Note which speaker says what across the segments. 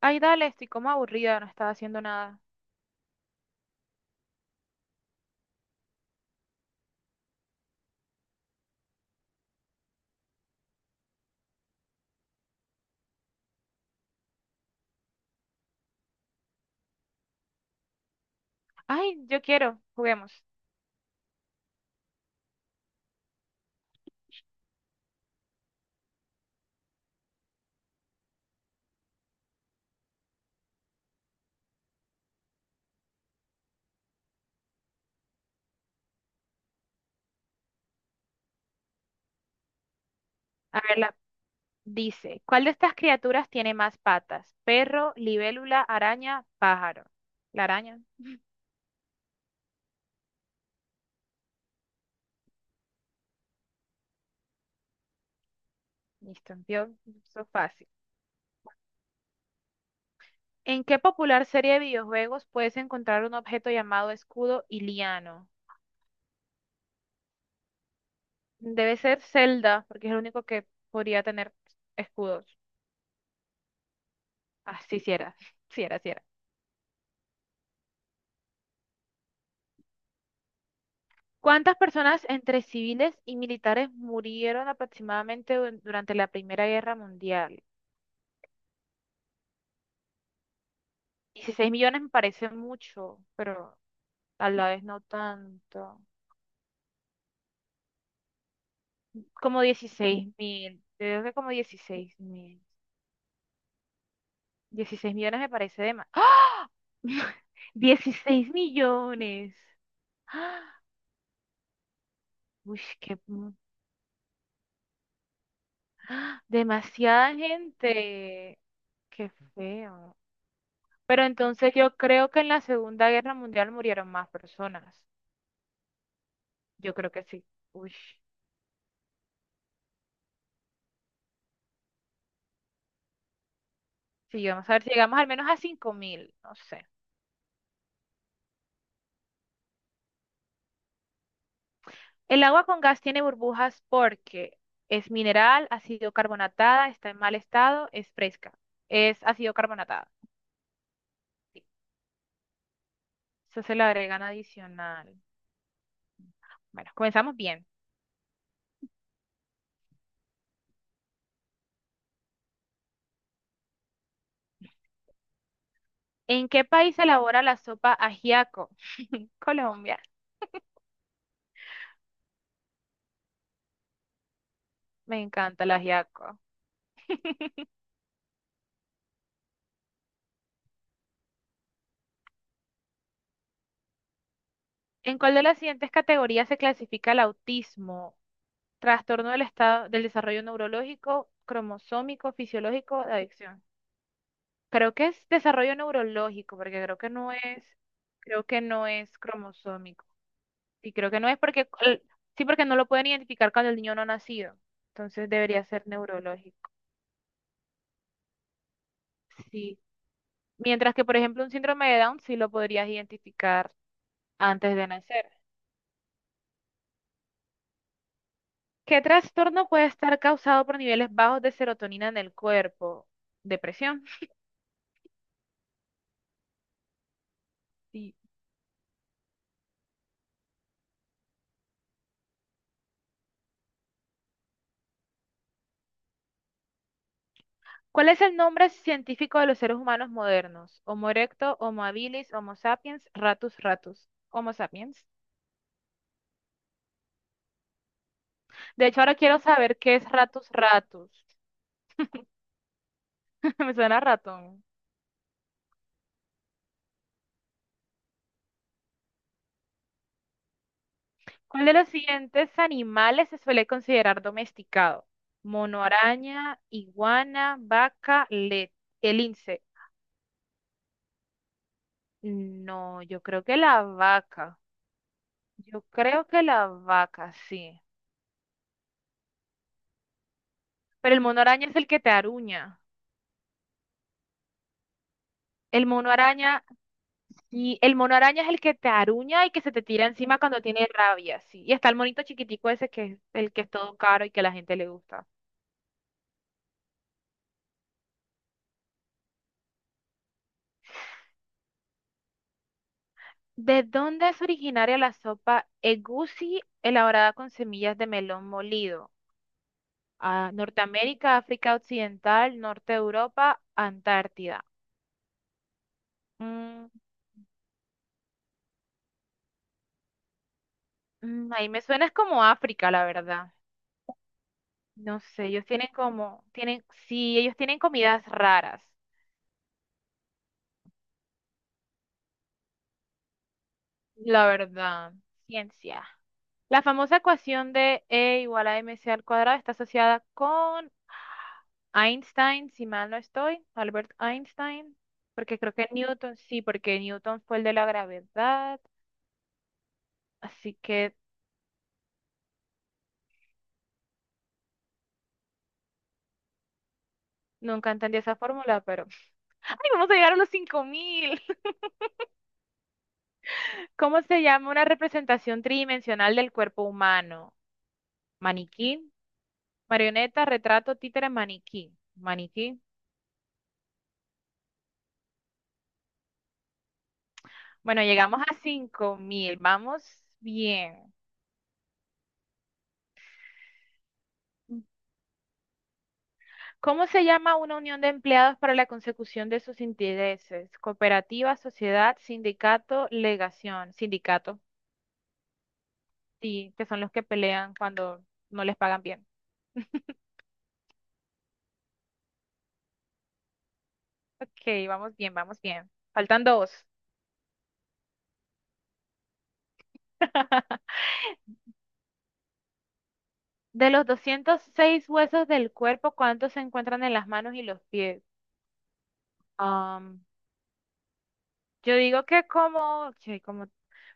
Speaker 1: Ay, dale, estoy como aburrida, no estaba haciendo nada. Ay, yo quiero, juguemos. A verla. Dice, ¿cuál de estas criaturas tiene más patas? Perro, libélula, araña, pájaro. La araña. Listo, vio, eso fácil. ¿En qué popular serie de videojuegos puedes encontrar un objeto llamado escudo iliano? Debe ser Zelda, porque es el único que podría tener escudos. Ah, sí, sí era. Sí era, sí era. ¿Cuántas personas entre civiles y militares murieron aproximadamente durante la Primera Guerra Mundial? 16 millones me parece mucho, pero a la vez no tanto. Como 16 mil, creo que como 16 mil. 16 millones me parece de más. ¡Ah! Millones. ¡Ah! Uy, qué ¡ah! Demasiada gente. Qué feo. Pero entonces yo creo que en la Segunda Guerra Mundial murieron más personas. Yo creo que sí. Uy, sí, vamos a ver si llegamos al menos a 5000, no sé. El agua con gas tiene burbujas porque es mineral, ha sido carbonatada, está en mal estado, es fresca. Es, ha sido carbonatada. Sí. Eso se le agregan adicional. Bueno, comenzamos bien. ¿En qué país se elabora la sopa ajiaco? Colombia. Me encanta el ajiaco. ¿En cuál de las siguientes categorías se clasifica el autismo? Trastorno del estado del desarrollo neurológico, cromosómico, fisiológico, de adicción. Creo que es desarrollo neurológico, porque creo que no es, creo que no es cromosómico. Y creo que no es porque, sí, porque no lo pueden identificar cuando el niño no ha nacido. Entonces debería ser neurológico. Sí. Mientras que, por ejemplo, un síndrome de Down sí lo podrías identificar antes de nacer. ¿Qué trastorno puede estar causado por niveles bajos de serotonina en el cuerpo? Depresión. Sí. ¿Cuál es el nombre científico de los seres humanos modernos? Homo erecto, Homo habilis, Homo sapiens, Ratus ratus. Homo sapiens. De hecho, ahora quiero saber qué es ratus ratus. Me suena a ratón. ¿Cuál de los siguientes animales se suele considerar domesticado? Mono araña, iguana, vaca, el lince. No, yo creo que la vaca. Yo creo que la vaca, sí. Pero el mono araña es el que te aruña. El mono araña, sí, el mono araña es el que te aruña y que se te tira encima cuando tiene rabia, sí. Y está el monito chiquitico ese que es el que es todo caro y que a la gente le gusta. ¿De dónde es originaria la sopa egusi elaborada con semillas de melón molido? Ah, Norteamérica, África Occidental, Norte de Europa, Antártida. Mm, ahí me suena es como África, la verdad. No sé, ellos tienen como, tienen, sí, ellos tienen comidas raras. La verdad. Ciencia. La famosa ecuación de E igual a mc al cuadrado está asociada con Einstein, si mal no estoy, Albert Einstein, porque creo que Newton, sí, porque Newton fue el de la gravedad, así que nunca entendí esa fórmula, pero ¡ay, vamos a llegar a los cinco mil! ¿Cómo se llama una representación tridimensional del cuerpo humano? Maniquí, marioneta, retrato, títere, maniquí. Maniquí. Bueno, llegamos a 5.000, vamos bien. ¿Cómo se llama una unión de empleados para la consecución de sus intereses? Cooperativa, sociedad, sindicato, legación. Sindicato, sí, que son los que pelean cuando no les pagan bien. Ok, vamos bien, vamos bien. Faltan dos. De los doscientos seis huesos del cuerpo, ¿cuántos se encuentran en las manos y los pies? Yo digo que como, che, como,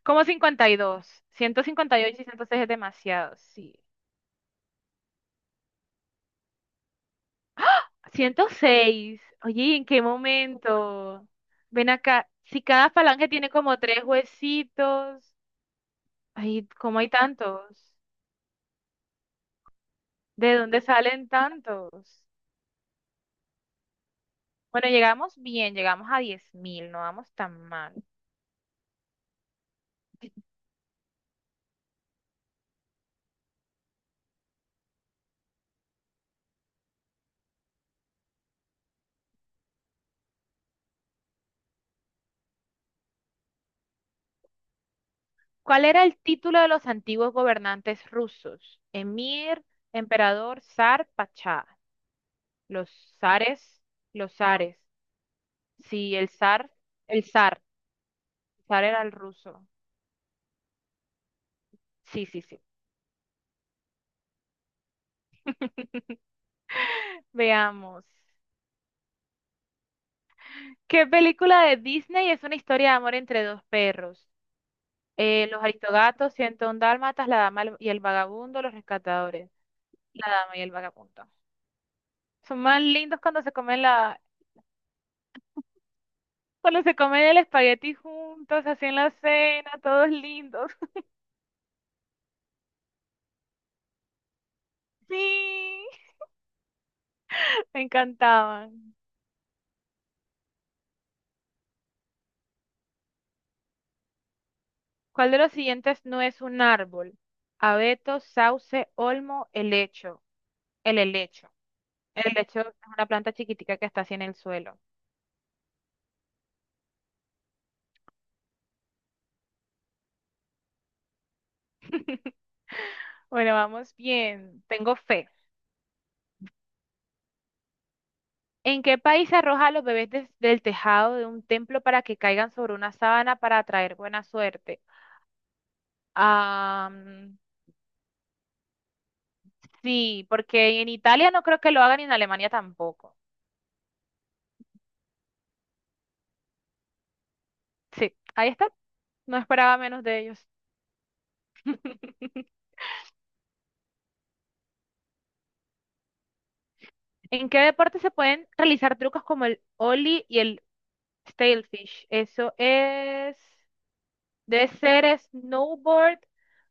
Speaker 1: 52, 158 y 106 es demasiado, sí. 106, oye, ¿en qué momento? Ven acá, si cada falange tiene como tres huesitos, ay, ¿cómo hay tantos? ¿De dónde salen tantos? Bueno, llegamos bien, llegamos a diez mil, no vamos tan mal. ¿Cuál era el título de los antiguos gobernantes rusos? Emir, emperador, zar, pachá. Los zares, los zares. Sí, el zar. El zar era el ruso. Sí, sí, sí. Veamos. ¿Qué película de Disney es una historia de amor entre dos perros? Los Aristogatos, 101 Dálmatas, La Dama y el Vagabundo, Los Rescatadores. La Dama y el Vagabundo. Son más lindos cuando se comen cuando se comen el espagueti juntos, así en la cena, todos lindos. Sí, me encantaban. ¿Cuál de los siguientes no es un árbol? Abeto, sauce, olmo, helecho. El helecho. El helecho es una planta chiquitica que está así en el suelo. Bueno, vamos bien. Tengo fe. ¿En qué país se arroja a los bebés desde el tejado de un templo para que caigan sobre una sábana para atraer buena suerte? Ah, sí, porque en Italia no creo que lo hagan y en Alemania tampoco. Sí, ahí está. No esperaba menos de ellos. ¿En qué deporte se pueden realizar trucos como el ollie y el Stalefish, eso es, debe ser snowboard,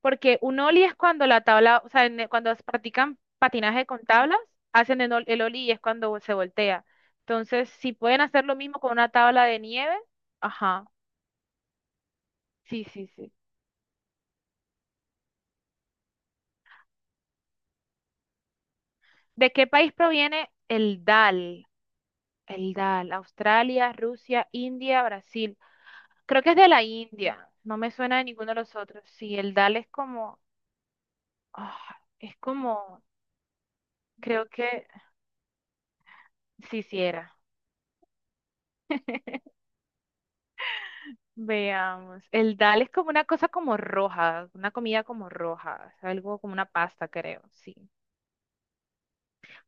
Speaker 1: porque un ollie es cuando la tabla, o sea, cuando practican patinaje con tablas, hacen el, el ollie y es cuando se voltea. Entonces, si pueden hacer lo mismo con una tabla de nieve, ajá, sí, sí, sí. ¿De qué país proviene el dal? El dal, Australia, Rusia, India, Brasil. Creo que es de la India, no me suena de ninguno de los otros. Sí, el dal es como, ah, es como... Creo que sí, sí era. Veamos. El dal es como una cosa como roja, una comida como roja, algo como una pasta, creo, sí.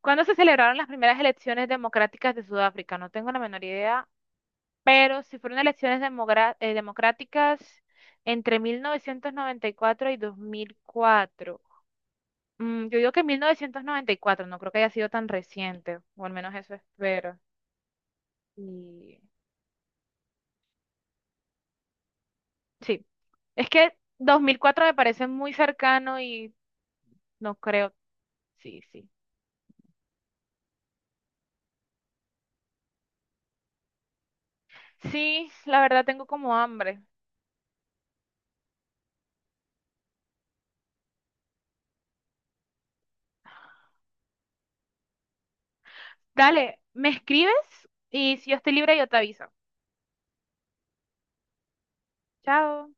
Speaker 1: ¿Cuándo se celebraron las primeras elecciones democráticas de Sudáfrica? No tengo la menor idea, pero si fueron elecciones democráticas entre 1994 y 2004. Mm, yo digo que 1994, no creo que haya sido tan reciente, o al menos eso espero. Y sí, es que 2004 me parece muy cercano y... No creo. Sí, sí. Sí, la verdad tengo como hambre. Dale, me escribes y si yo estoy libre yo te aviso. Chao.